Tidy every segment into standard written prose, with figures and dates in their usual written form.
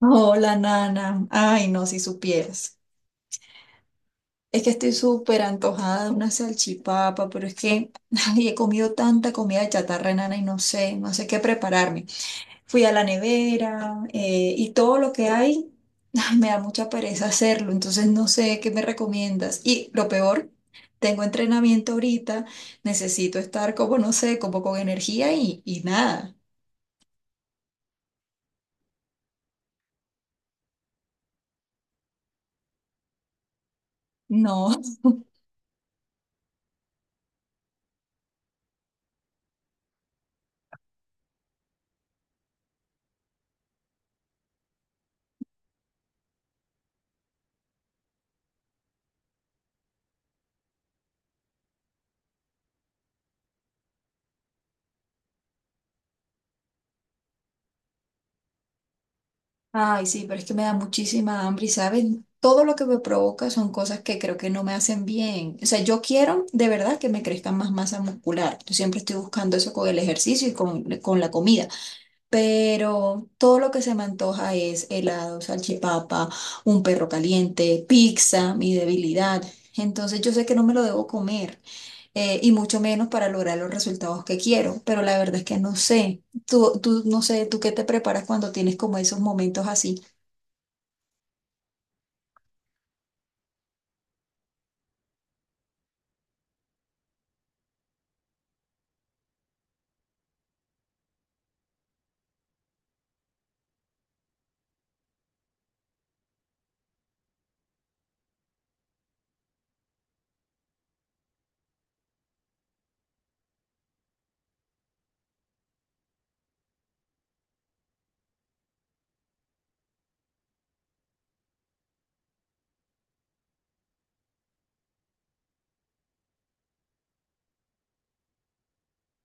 Hola, Nana. Ay, no, si supieras. Es que estoy súper antojada de una salchipapa, pero es que ay, he comido tanta comida chatarra, Nana, y no sé, no sé qué prepararme. Fui a la nevera y todo lo que hay, ay, me da mucha pereza hacerlo, entonces no sé qué me recomiendas. Y lo peor, tengo entrenamiento ahorita, necesito estar como, no sé, como con energía y nada. No. Ay, sí, pero es que me da muchísima hambre y, ¿sabes? Todo lo que me provoca son cosas que creo que no me hacen bien. O sea, yo quiero de verdad que me crezca más masa muscular. Yo siempre estoy buscando eso con el ejercicio y con la comida. Pero todo lo que se me antoja es helado, salchipapa, un perro caliente, pizza, mi debilidad. Entonces yo sé que no me lo debo comer y mucho menos para lograr los resultados que quiero, pero la verdad es que no sé. Tú, no sé, ¿tú qué te preparas cuando tienes como esos momentos así?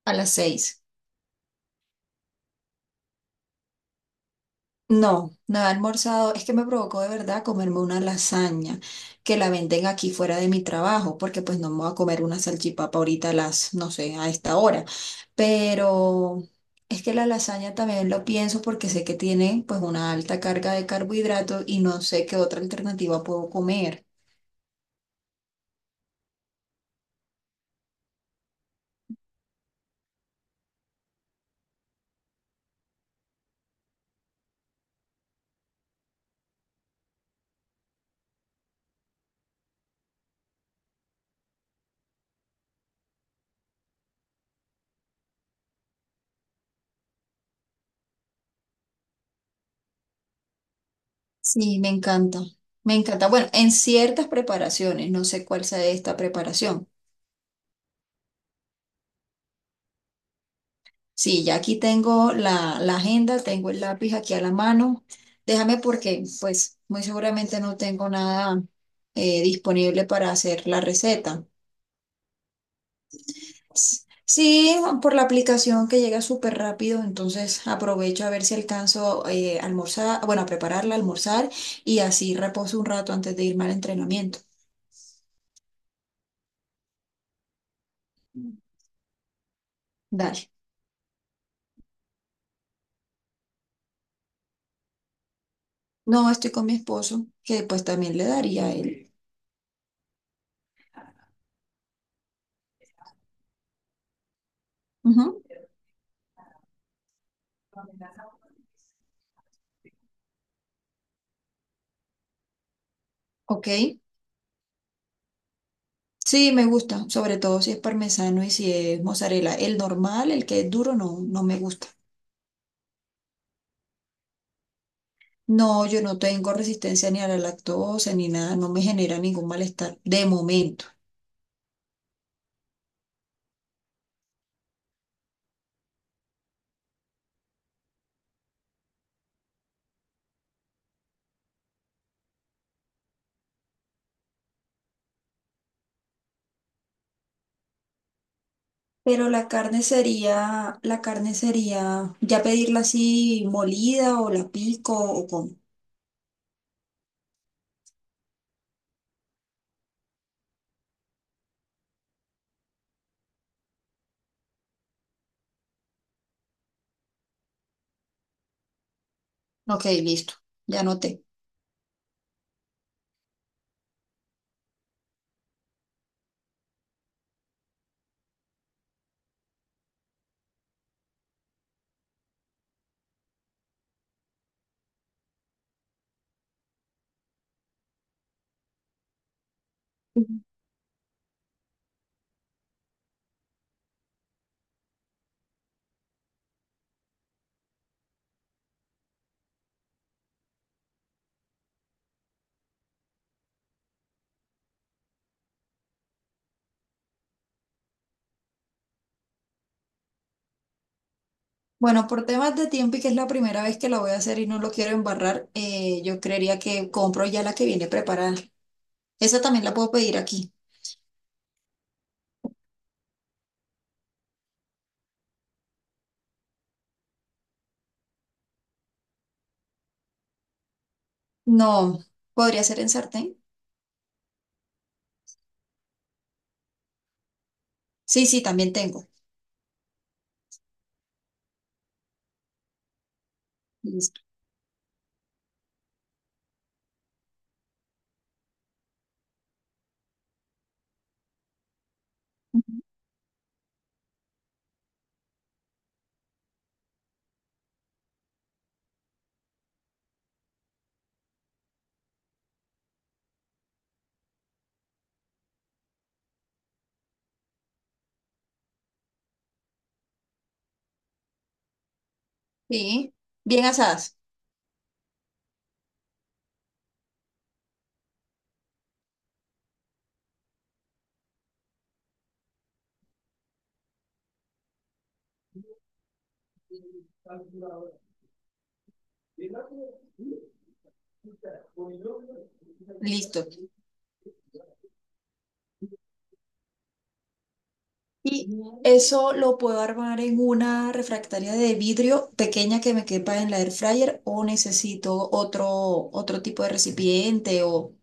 A las seis. No, no he almorzado. Es que me provocó de verdad comerme una lasaña que la venden aquí fuera de mi trabajo, porque pues no me voy a comer una salchipapa ahorita a las, no sé, a esta hora. Pero es que la lasaña también lo pienso porque sé que tiene pues una alta carga de carbohidratos y no sé qué otra alternativa puedo comer. Sí, me encanta. Me encanta. Bueno, en ciertas preparaciones, no sé cuál sea esta preparación. Sí, ya aquí tengo la agenda, tengo el lápiz aquí a la mano. Déjame porque, pues, muy seguramente no tengo nada disponible para hacer la receta. S- Sí, por la aplicación que llega súper rápido, entonces aprovecho a ver si alcanzo a almorzar, bueno, a prepararla, almorzar y así reposo un rato antes de irme al entrenamiento. Dale. No, estoy con mi esposo, que pues también le daría a él. Ujú. Ok. Sí, me gusta, sobre todo si es parmesano y si es mozzarella. El normal, el que es duro, no, no me gusta. No, yo no tengo resistencia ni a la lactosa ni nada, no me genera ningún malestar de momento. Pero la carne sería ya pedirla así molida o la pico o con. Ok, listo, ya noté. Ujú. Bueno, por temas de tiempo y que es la primera vez que la voy a hacer y no lo quiero embarrar, yo creería que compro ya la que viene preparada. Esa también la puedo pedir aquí. No, podría ser en sartén. Sí, sí, también tengo. Listo. Ujú. Sí, bien asadas. Listo. Y eso lo puedo armar en una refractaria de vidrio pequeña que me quepa en la air fryer o necesito otro, otro tipo de recipiente o...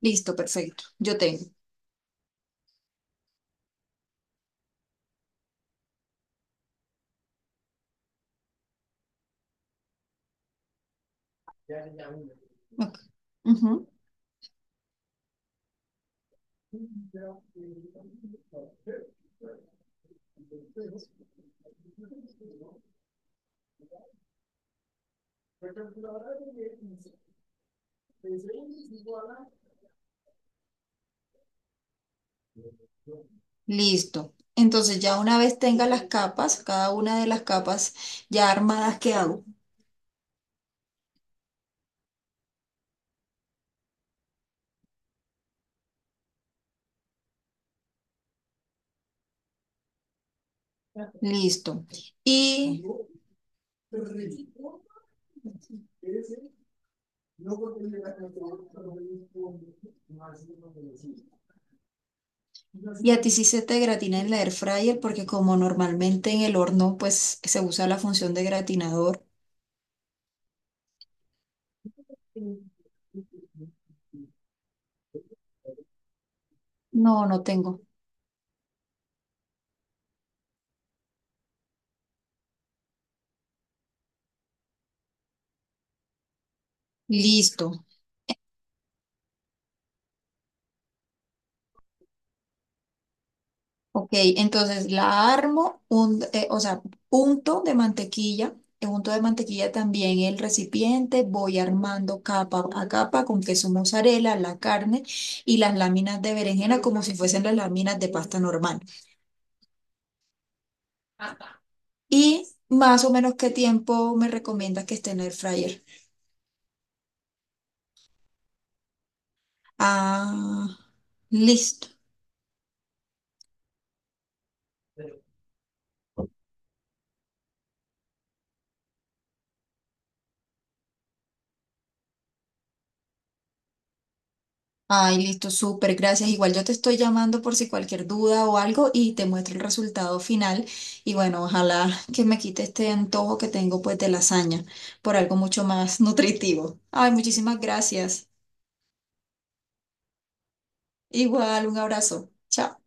Listo, perfecto. Yo tengo. Ok. Ujú. Listo. Entonces ya una vez tenga las capas, cada una de las capas ya armadas, ¿qué hago? Listo. Y y a ti sí se te gratina en la air fryer porque como normalmente en el horno pues se usa la función de gratinador. No, no tengo. Listo. Ok, entonces la armo, un, o sea, punto de mantequilla, unto de mantequilla también el recipiente, voy armando capa a capa con queso mozzarella, la carne y las láminas de berenjena como si fuesen las láminas de pasta normal. Y más o menos qué tiempo me recomiendas que esté en el fryer. Ah, listo. Ay, listo, súper, gracias. Igual yo te estoy llamando por si cualquier duda o algo y te muestro el resultado final. Y bueno, ojalá que me quite este antojo que tengo pues de lasaña por algo mucho más nutritivo. Ay, muchísimas gracias. Igual, un abrazo. Chao.